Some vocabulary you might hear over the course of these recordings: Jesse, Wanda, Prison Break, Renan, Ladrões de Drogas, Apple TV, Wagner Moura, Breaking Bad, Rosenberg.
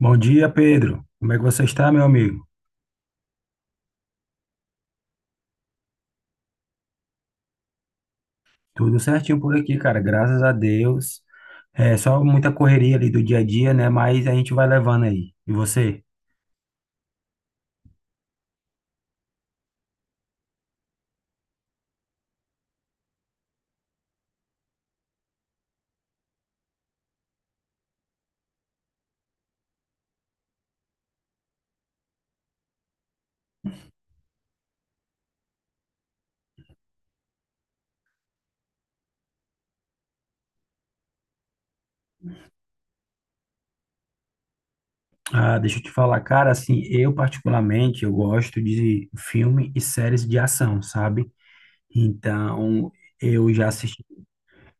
Bom dia, Pedro. Como é que você está, meu amigo? Tudo certinho por aqui, cara. Graças a Deus. É só muita correria ali do dia a dia, né? Mas a gente vai levando aí. E você? Ah, deixa eu te falar, cara, assim, eu particularmente, eu gosto de filme e séries de ação, sabe? Então, eu já assisti,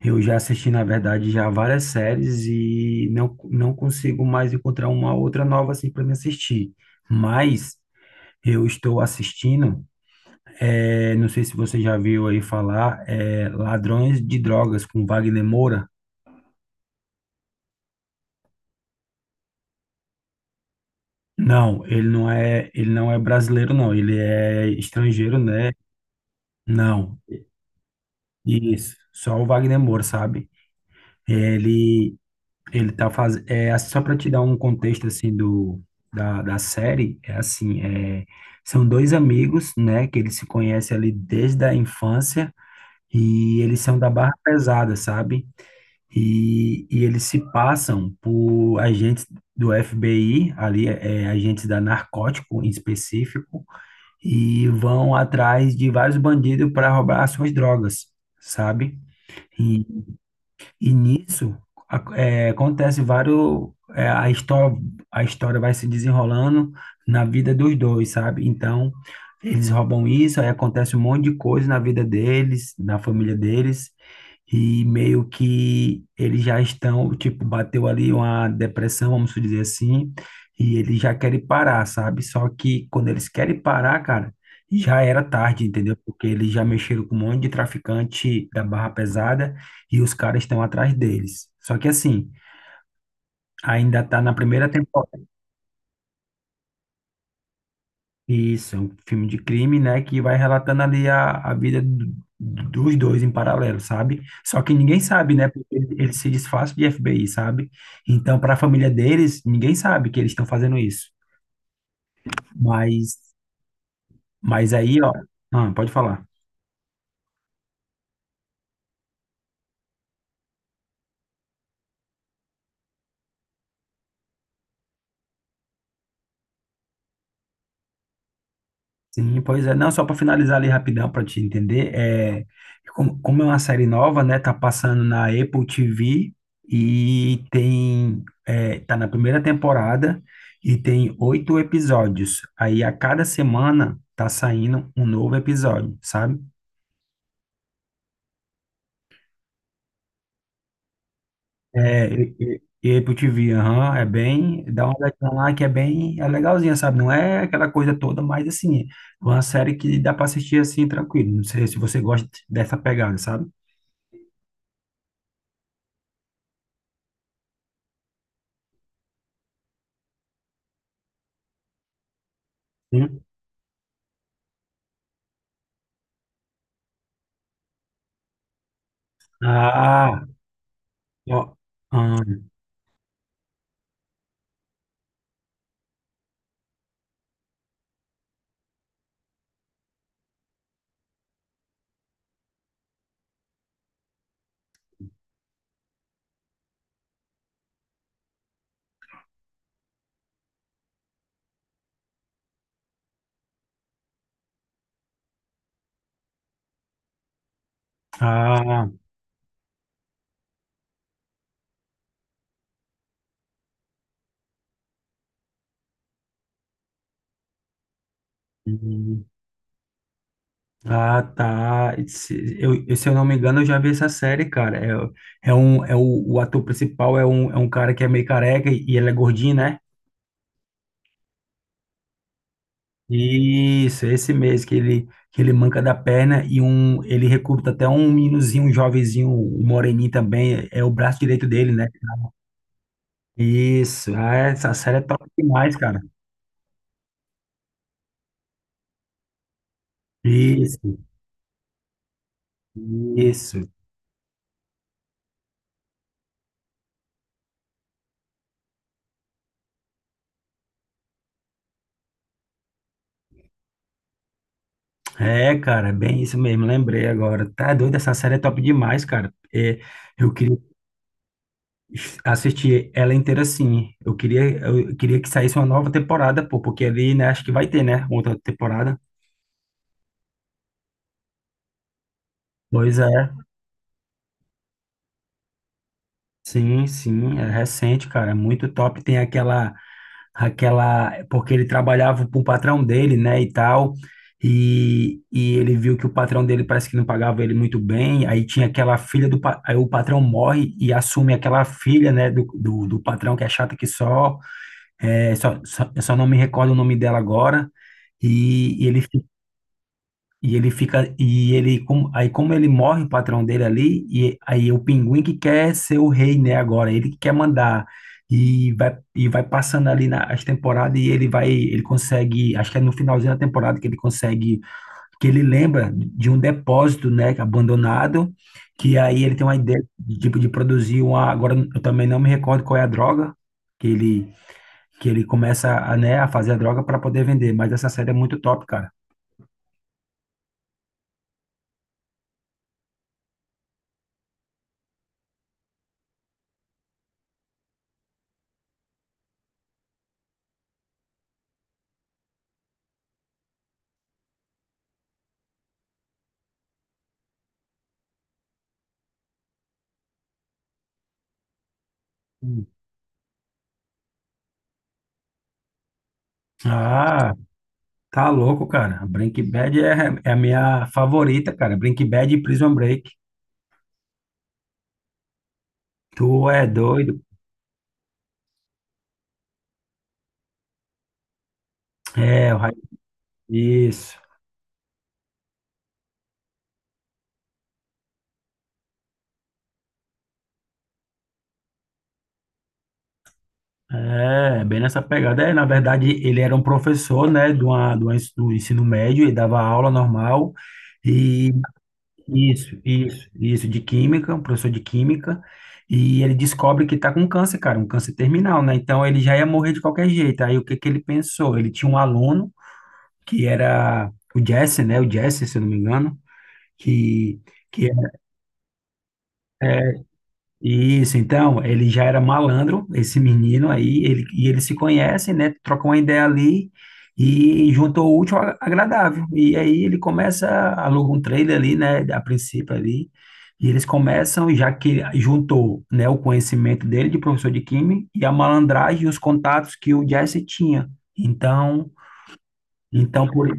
eu já assisti, na verdade, já várias séries e não consigo mais encontrar uma outra nova assim para me assistir. Mas eu estou assistindo. É, não sei se você já viu aí falar, Ladrões de Drogas com Wagner Moura. Não, ele não é brasileiro, não. Ele é estrangeiro, né? Não. Isso. Só o Wagner Moura, sabe? Ele, ele tá fazendo. É, assim, só para te dar um contexto assim do da, da série, são dois amigos, né? Que eles se conhecem ali desde a infância e eles são da barra pesada, sabe? E, eles se passam por agentes do FBI, ali, agentes da narcótico em específico, e vão atrás de vários bandidos para roubar as suas drogas, sabe? E nisso acontece vários. A história vai se desenrolando na vida dos dois, sabe? Então, eles roubam isso, aí acontece um monte de coisa na vida deles, na família deles, e meio que eles já estão, tipo, bateu ali uma depressão, vamos dizer assim, e eles já querem parar, sabe? Só que quando eles querem parar, cara, já era tarde, entendeu? Porque eles já mexeram com um monte de traficante da barra pesada e os caras estão atrás deles. Só que assim, ainda tá na primeira temporada. Isso, é um filme de crime, né, que vai relatando ali a vida dos dois em paralelo, sabe? Só que ninguém sabe, né, porque eles se disfarçam de FBI, sabe? Então, para a família deles, ninguém sabe que eles estão fazendo isso. Mas, mas aí, ó, ah, pode falar. Sim, pois é. Não, só para finalizar ali rapidão para te entender, como, como é uma série nova, né? Tá passando na Apple TV e tem, tá na primeira temporada e tem oito episódios. Aí a cada semana tá saindo um novo episódio, sabe? É, e Apple TV, aham, é bem, dá uma olhadinha lá que é bem, é legalzinha, sabe? Não é aquela coisa toda, mas assim, é uma série que dá para assistir assim tranquilo. Não sei se você gosta dessa pegada, sabe? Ah, ó, ah, ah, hum, ah, tá. Se eu não me engano, eu já vi essa série, cara. O ator principal é um cara que é meio careca e ele é gordinho, né? Isso, esse mês que que ele manca da perna e um, ele recruta até um meninozinho, um jovenzinho, um moreninho também, é o braço direito dele, né? Isso, ah, essa série é top demais, cara. Isso, isso. É, cara, é bem isso mesmo, lembrei agora. Tá doido, essa série é top demais, cara. É, eu queria assistir ela inteira assim. Eu queria que saísse uma nova temporada, pô, porque ali, né, acho que vai ter, né, outra temporada. Pois é, sim, é recente, cara, é muito top. Tem aquela, porque ele trabalhava para o patrão dele, né, e tal, e ele viu que o patrão dele parece que não pagava ele muito bem, aí tinha aquela filha aí o patrão morre e assume aquela filha, né, do patrão que é chata que só, só, eu só não me recordo o nome dela agora, e, e ele e ele fica, aí como ele morre, o patrão dele ali, e aí o pinguim que quer ser o rei, né, agora, ele que quer mandar, e vai passando ali as temporadas, e ele vai, ele consegue, acho que é no finalzinho da temporada que ele consegue, que ele lembra de um depósito, né, abandonado, que aí ele tem uma ideia de, tipo, de produzir uma, agora eu também não me recordo qual é a droga, que ele, que ele começa a, né, a fazer a droga para poder vender, mas essa série é muito top, cara. Ah, tá louco, cara. Breaking Bad é, é a minha favorita, cara. Breaking Bad e Prison Break. Tu é doido? É, isso. É, bem nessa pegada. É, na verdade, ele era um professor, né, de uma do ensino médio e dava aula normal. E isso, de química, um professor de química. E ele descobre que tá com câncer, cara, um câncer terminal, né? Então ele já ia morrer de qualquer jeito. Aí o que que ele pensou? Ele tinha um aluno que era o Jesse, né? O Jesse, se eu não me engano, que, que é é isso. Então, ele já era malandro, esse menino aí, ele, e eles se conhecem, né? Trocam uma ideia ali e juntou o útil ao agradável. E aí ele começa, aluga um trailer ali, né? A princípio ali. E eles começam, já que juntou, né, o conhecimento dele de professor de química e a malandragem e os contatos que o Jesse tinha. Então, então por,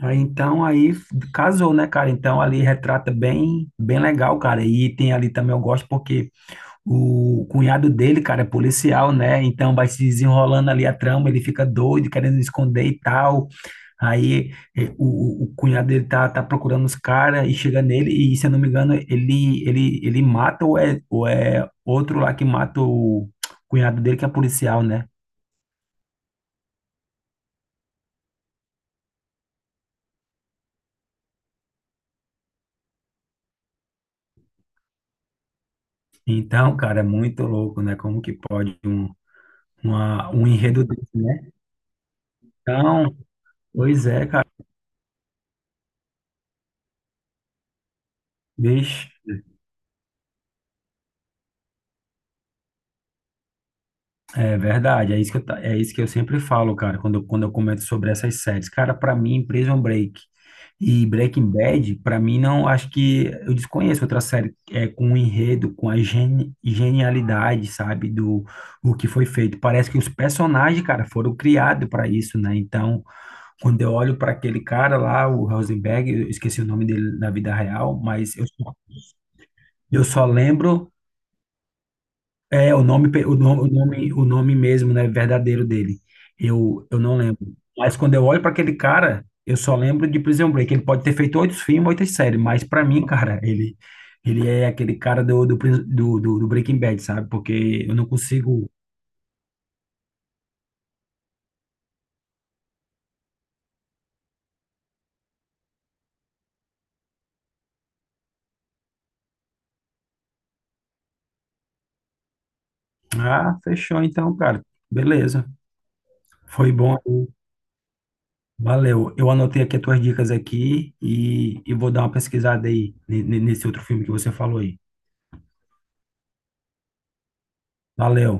Aí, casou, né, cara? Então, ali retrata bem, bem legal, cara. E tem ali também, eu gosto porque o cunhado dele, cara, é policial, né? Então, vai se desenrolando ali a trama, ele fica doido, querendo esconder e tal. Aí, o cunhado dele tá procurando os caras e chega nele e, se eu não me engano, ele mata ou é outro lá que mata o cunhado dele, que é policial, né? Então, cara, é muito louco, né? Como que pode um enredo desse, né? Então, pois é, cara, bicho, é verdade, é isso que eu sempre falo, cara, quando eu comento sobre essas séries. Cara, pra mim, Prison Break e Breaking Bad, pra mim, não, acho que eu desconheço outra série com o enredo, com a genialidade, sabe, do o que foi feito. Parece que os personagens, cara, foram criados pra isso, né? Então, quando eu olho pra aquele cara lá, o Rosenberg, eu esqueci o nome dele na vida real, eu só lembro. É, o nome, pe- o nome, o nome, o nome mesmo, né, verdadeiro dele. Eu não lembro. Mas quando eu olho para aquele cara, eu só lembro de Prison Break. Ele pode ter feito oito filmes, oito séries, mas para mim, cara, ele é aquele cara do, do, Pris- do, do- do Breaking Bad, sabe? Porque eu não consigo. Ah, fechou então, cara. Beleza. Foi bom. Valeu. Eu anotei aqui as tuas dicas aqui e vou dar uma pesquisada aí nesse outro filme que você falou aí. Valeu.